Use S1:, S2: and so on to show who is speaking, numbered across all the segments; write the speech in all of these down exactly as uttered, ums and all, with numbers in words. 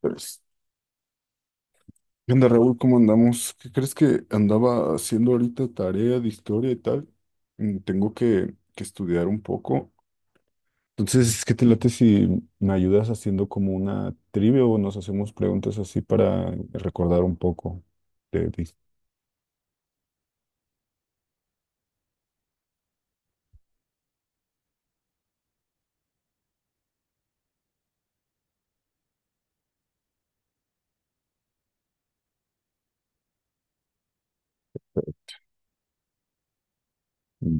S1: Pues, ¿Qué onda, Raúl? ¿Cómo andamos? ¿Qué crees que andaba haciendo ahorita tarea de historia y tal? Mm, Tengo que, que estudiar un poco. Entonces, ¿qué te late si me ayudas haciendo como una trivia o nos hacemos preguntas así para recordar un poco de, de-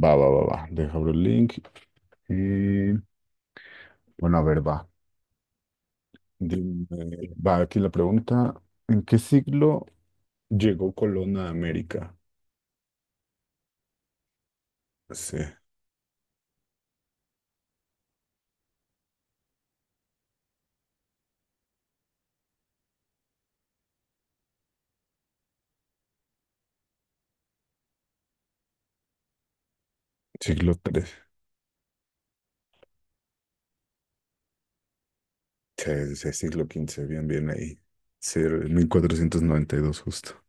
S1: Va, va, va, va. Deja abrir el link. Y, bueno, a ver, va. Dime, va aquí la pregunta. ¿En qué siglo llegó Colón a América? Sí, siglo tres. Sí, sí, sí, siglo quince, bien, bien ahí. Sí, era el mil cuatrocientos noventa y dos justo.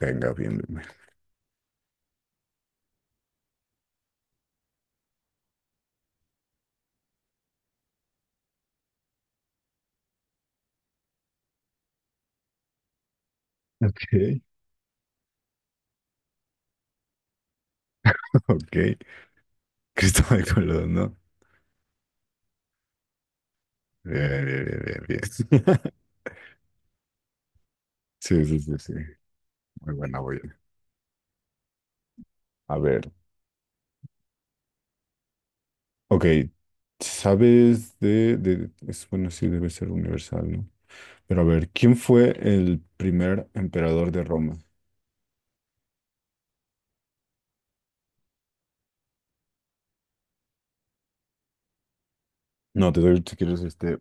S1: Venga, bien, bien, bien. Ok. Ok, Cristóbal Colón, ¿no? Bien, bien, bien, bien, bien. Sí, sí, sí, sí. Muy buena, voy. A ver, ok. ¿Sabes de, de- es, bueno, sí, debe ser universal, ¿no? Pero a ver, ¿quién fue el primer emperador de Roma? No, te doy, si quieres, este,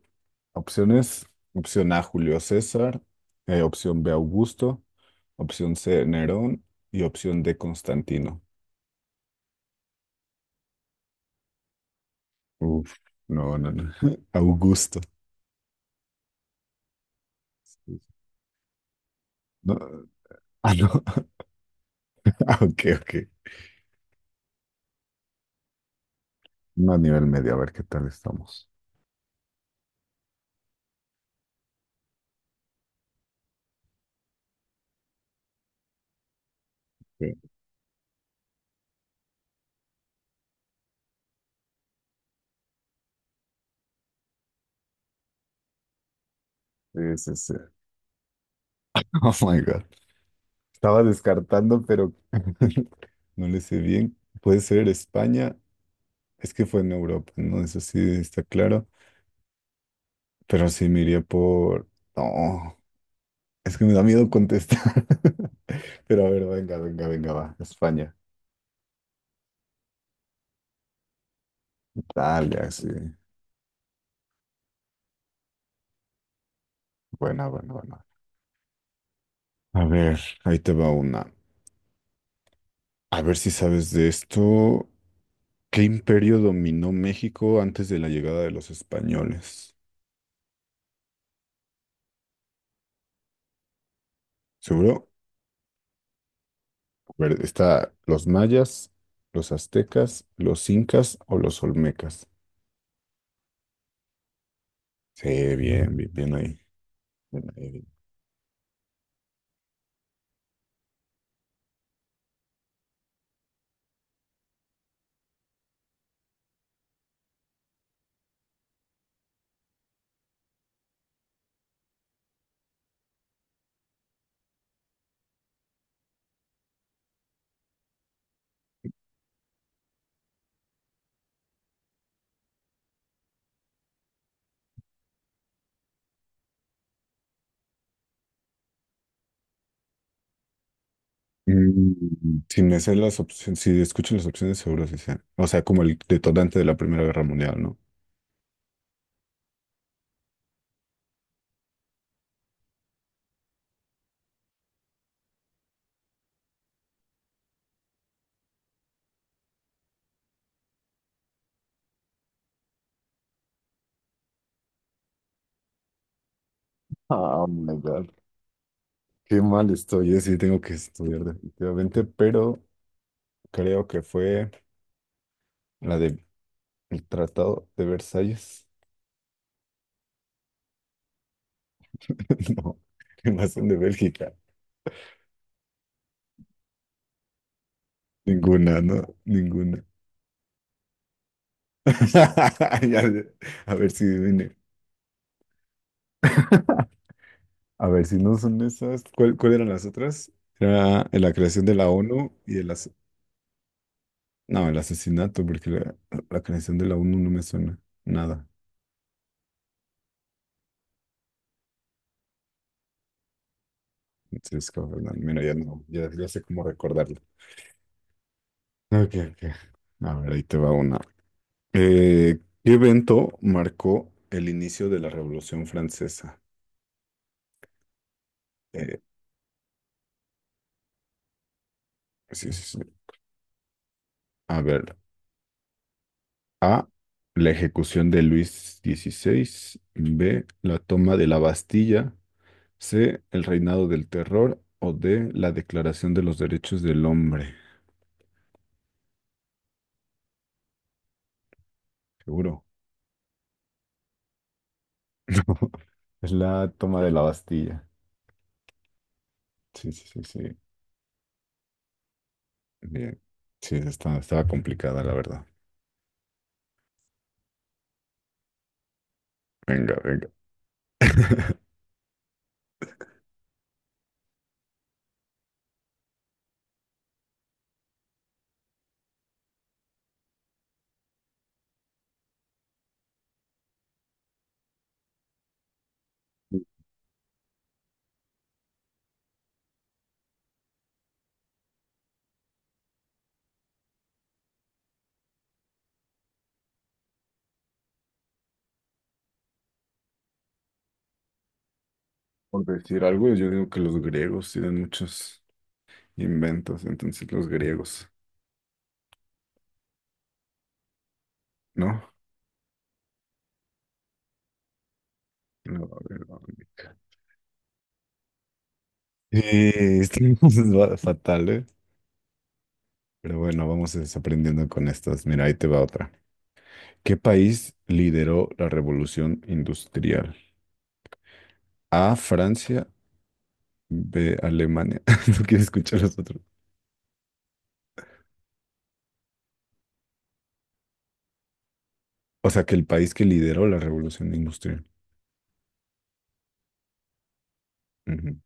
S1: opciones. Opción A, Julio César. Eh, opción B, Augusto. Opción C, Nerón. Y opción D, Constantino. Uf, no, no, no. Augusto. Sí. No, ah, no. Ah, ok, ok. No a nivel medio, a ver qué tal estamos. Sí. Sí, sí, sí. Oh my God. Estaba descartando, pero no le sé bien. Puede ser España. Es que fue en Europa, ¿no? Eso sí está claro. Pero sí me iría por. No. Es que me da miedo contestar. Pero a ver, venga, venga, venga, va. España. Italia, sí. Buena, buena, buena. A ver, ahí te va una. A ver si sabes de esto. ¿Qué imperio dominó México antes de la llegada de los españoles? ¿Seguro? A ver, está los mayas, los aztecas, los incas o los olmecas. Sí, bien, bien, bien ahí. Bien ahí, bien. Mm, si me sé las opciones, si escucho las opciones, seguro sí sé. O sea, como el detonante de la Primera Guerra Mundial, ¿no? Ah, oh my God. Qué mal estoy, eh, Sí, tengo que estudiar definitivamente, pero creo que fue la del Tratado de Versalles. No, ¿qué más son de Bélgica? Ninguna, ¿no? Ninguna. Ya sé. A ver si viene. A ver si no son esas. ¿Cuál, cuál eran las otras? Era la creación de la ONU y el as- no, el asesinato, porque la, la creación de la ONU no me suena nada. Entonces, como, no, mira, ya no, ya, ya sé cómo recordarlo. Ok, ok. A ver, ahí te va una. Eh, ¿Qué evento marcó el inicio de la Revolución Francesa? Eh, pues sí, sí, sí. A ver, A, la ejecución de Luis decimosexto, B, la toma de la Bastilla, C, el reinado del terror o D, la declaración de los derechos del hombre. Seguro. Es la toma de la Bastilla. Sí, sí, sí, sí. Bien. Sí, está, estaba complicada, la verdad. Venga, venga. Por decir algo, yo digo que los griegos tienen muchos. Inventos, entonces los griegos, ¿no? No, babilónica. Eh, estamos fatal, ¿eh? Pero bueno, vamos desaprendiendo con estas. Mira, ahí te va otra. ¿Qué país lideró la revolución industrial? A, Francia, B, Alemania. No quiero escuchar los otros. O sea, que el país que lideró la revolución industrial. Ujú.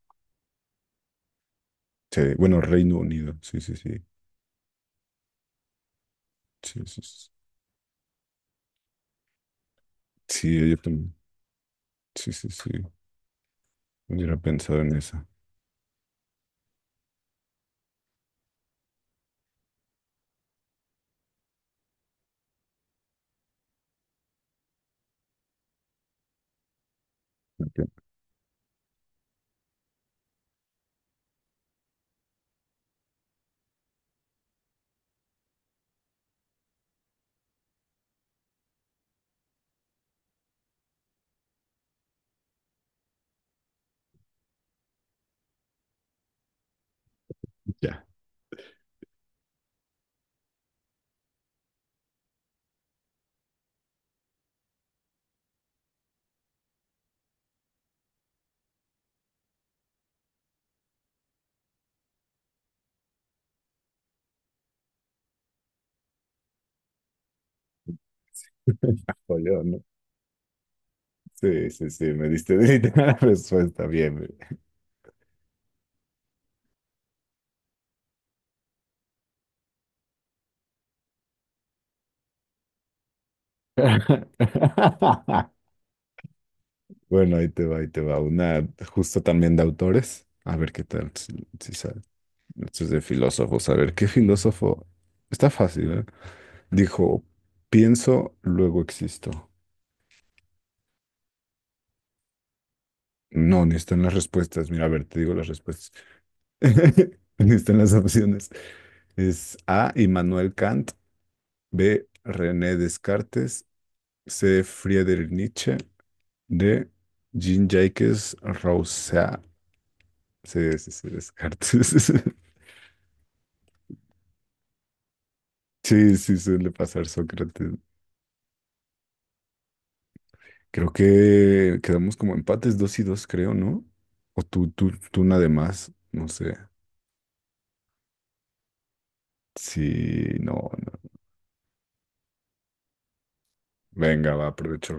S1: Sí, bueno, Reino Unido. Sí, sí, sí. Sí, sí, sí. Sí, yo también. Sí, sí, sí. Hubiera pensado en esa. Ok, ya. Napoleón, ¿no? Sí, sí, sí, me diste la respuesta, bien. Bueno, ahí te va, ahí te va. Una justo también de autores. A ver qué tal, si, si sale. Esto es de filósofos. A ver, ¿qué filósofo? Está fácil, ¿eh? Dijo, pienso, luego existo. No, ni están las respuestas. Mira, a ver, te digo las respuestas. Ni están las opciones. Es A, Immanuel Kant. B, René Descartes. C, Friedrich Nietzsche. De Jean-Jacques Rousseau. Sí, sí, sí, Descartes. Sí, sí, suele pasar Sócrates. Creo que quedamos como empates dos y dos, creo, ¿no? O tú, tú, tú nada más, no sé. Sí, no, no. Venga, va, aprovecho.